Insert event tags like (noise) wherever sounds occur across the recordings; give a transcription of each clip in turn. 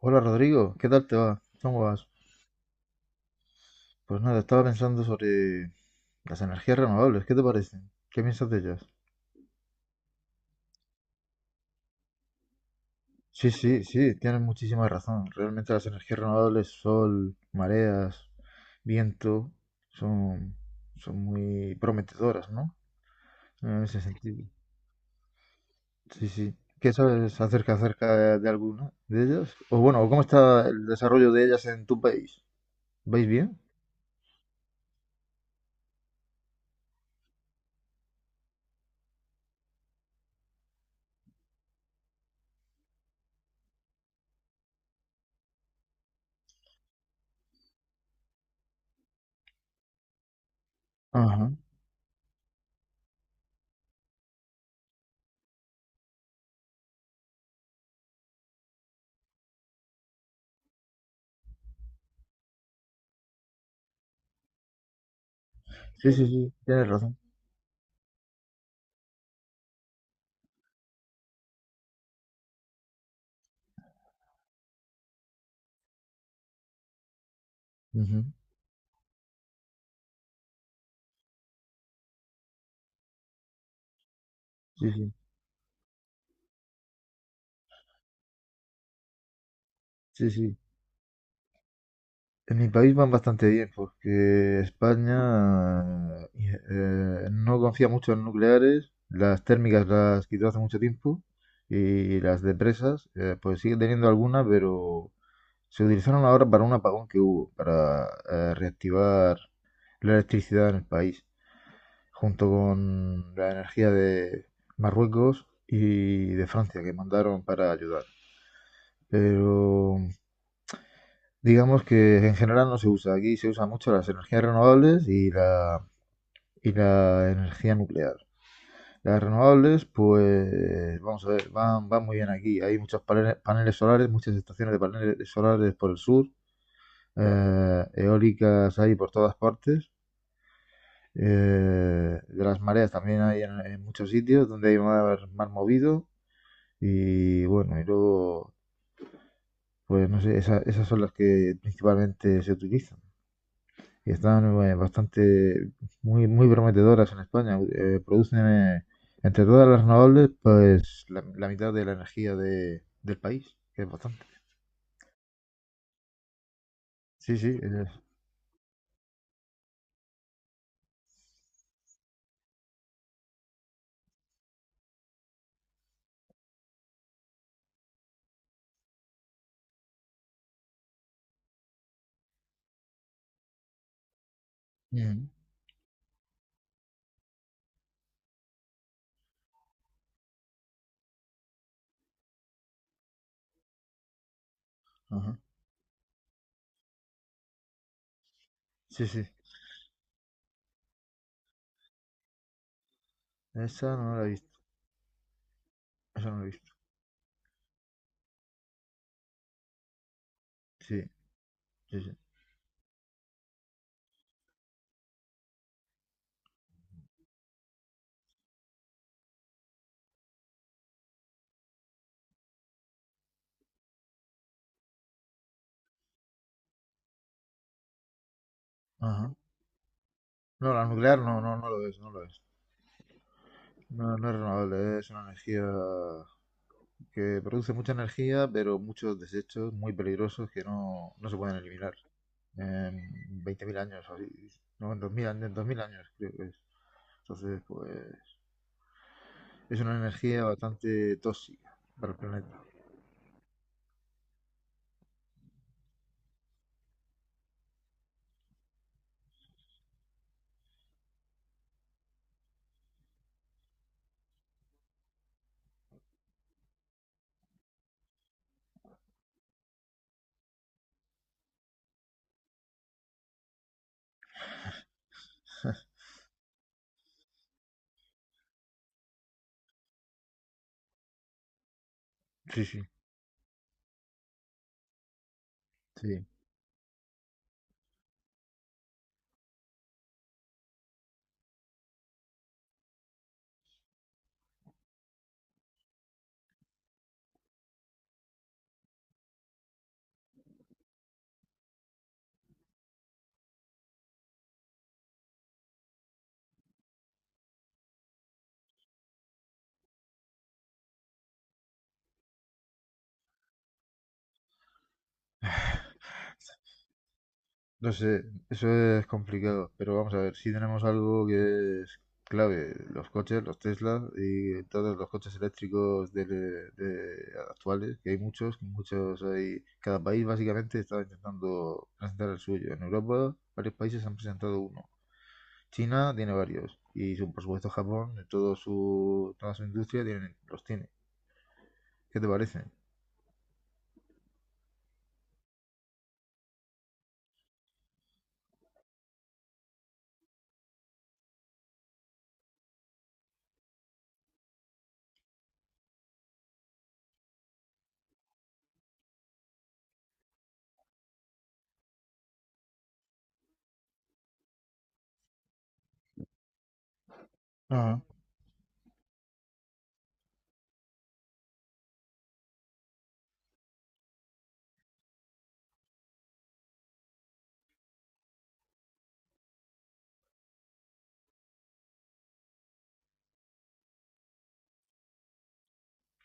Hola Rodrigo, ¿qué tal te va? ¿Cómo vas? Pues nada, estaba pensando sobre las energías renovables, ¿qué te parecen? ¿Qué piensas de ellas? Sí, sí, sí, tienes muchísima razón. Realmente las energías renovables, sol, mareas, viento, son, son muy prometedoras, ¿no? En ese sentido. Sí, sí. ¿Qué sabes acerca de alguna de ellas? O bueno, ¿cómo está el desarrollo de ellas en tu país? ¿Vais bien? Ajá. Sí, sí, sí, tienes razón. Ujú. Sí, sí, sí, sí. En mi país van bastante bien porque España no confía mucho en nucleares, las térmicas las quitó hace mucho tiempo y las de presas pues sigue teniendo alguna, pero se utilizaron ahora para un apagón que hubo, para reactivar la electricidad en el país, junto con la energía de Marruecos y de Francia que mandaron para ayudar. Pero, digamos que en general no se usa. Aquí se usan mucho las energías renovables y la energía nuclear. Las renovables, pues vamos a ver, van muy bien aquí. Hay muchos paneles solares, muchas estaciones de paneles solares por el sur. Eólicas hay por todas partes. De las mareas también hay en muchos sitios donde hay mar movido. Y bueno, y luego, pues no sé, esas son las que principalmente se utilizan. Que están, bueno, bastante muy muy prometedoras en España. Producen, entre todas las renovables, pues la mitad de la energía del país, que es bastante. Sí, sí. Ujú, ajá. Sí, sí. Esa no la he visto. Esa no la he visto. Sí, sí, sí. Ajá. No, la nuclear no, no, no lo es, no lo es. No, no es renovable, es una energía que produce mucha energía, pero muchos desechos muy peligrosos que no se pueden eliminar en 20.000 años, o así. No, en 2000, en 2000 años, creo que es. Entonces, pues es una energía bastante tóxica para el planeta. Sí, sí, sí. No sé, eso es complicado, pero vamos a ver, si tenemos algo que es clave, los coches, los Tesla y todos los coches eléctricos actuales, que hay muchos, muchos hay, cada país básicamente está intentando presentar el suyo. En Europa varios países han presentado uno, China tiene varios y por supuesto Japón, todo su, toda su industria tiene, los tiene. ¿Qué te parece?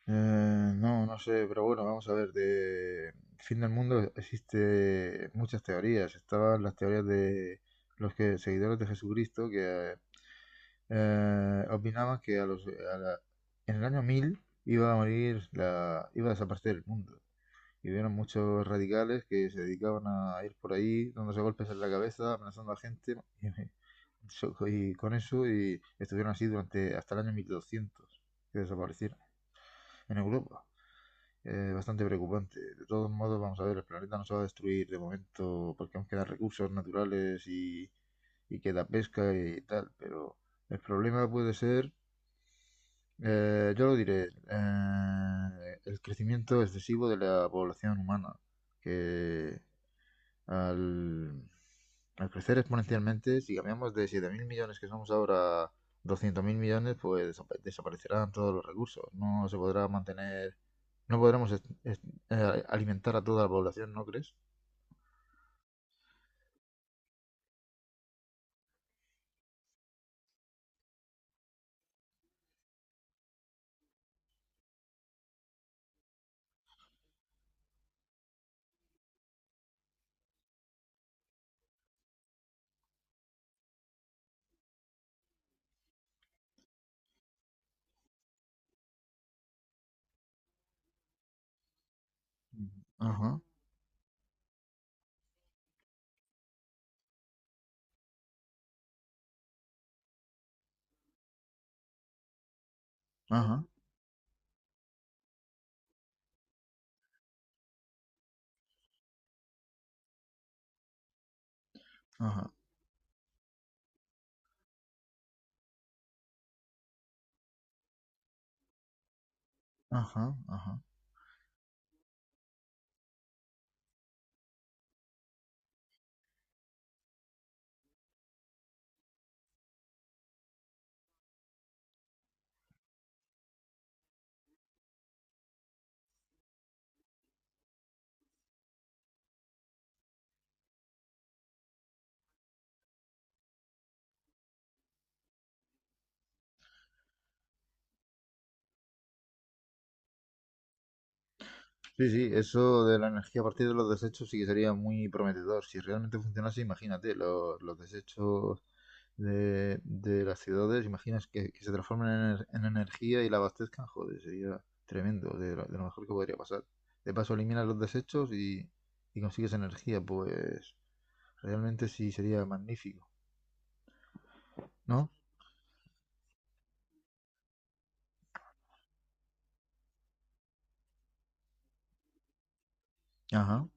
Eh, no, no sé, pero bueno, vamos a ver, de fin del mundo existe muchas teorías. Estaban las teorías de los que, seguidores de Jesucristo, que opinaban que a los, a la- en el año 1000 iba a morir, iba a desaparecer el mundo. Y hubieron muchos radicales que se dedicaban a ir por ahí dándose golpes en la cabeza, amenazando a gente (laughs) y con eso y estuvieron así durante hasta el año 1200, que desaparecieron en Europa. Bastante preocupante. De todos modos, vamos a ver, el planeta no se va a destruir de momento porque aún quedan recursos naturales y queda pesca y tal, pero el problema puede ser, yo lo diré, el crecimiento excesivo de la población humana, que al, al crecer exponencialmente, si cambiamos de 7.000 millones que somos ahora a 200.000 millones, pues desaparecerán todos los recursos. No se podrá mantener, no podremos alimentar a toda la población, ¿no crees? Ajá, ajá, ajá, ajá, ajá. Sí, sí, eso de la energía a partir de los desechos sí que sería muy prometedor. Si realmente funcionase, imagínate, los desechos de las ciudades, imaginas que se transformen en energía y la abastezcan, joder, sería tremendo, de lo mejor que podría pasar. De paso, eliminas los desechos y consigues energía, pues realmente sí sería magnífico, ¿no? Ajá.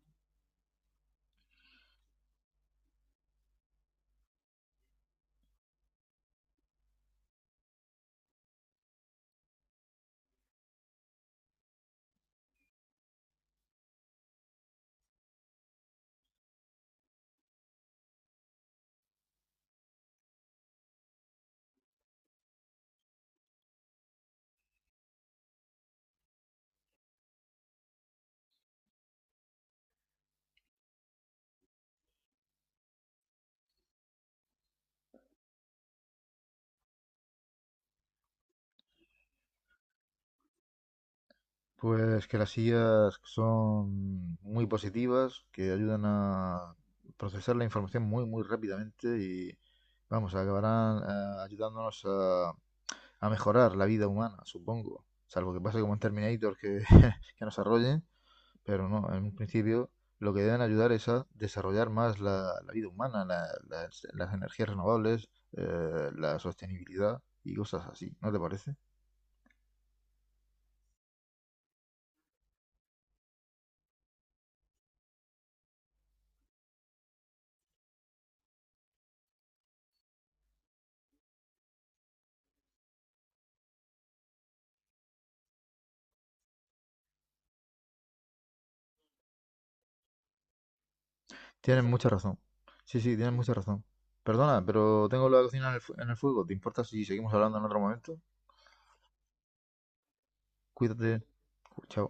Pues que las sillas son muy positivas, que ayudan a procesar la información muy, muy rápidamente y, vamos, acabarán ayudándonos a mejorar la vida humana, supongo. Salvo que pase como en Terminator que, (laughs) que nos arrollen, pero no, en un principio lo que deben ayudar es a desarrollar más la vida humana, las energías renovables, la sostenibilidad y cosas así, ¿no te parece? Tienen mucha razón. Sí, sí, tienen mucha razón. Perdona, pero tengo la cocina en el fuego. ¿Te importa si seguimos hablando en otro momento? Cuídate. Chao.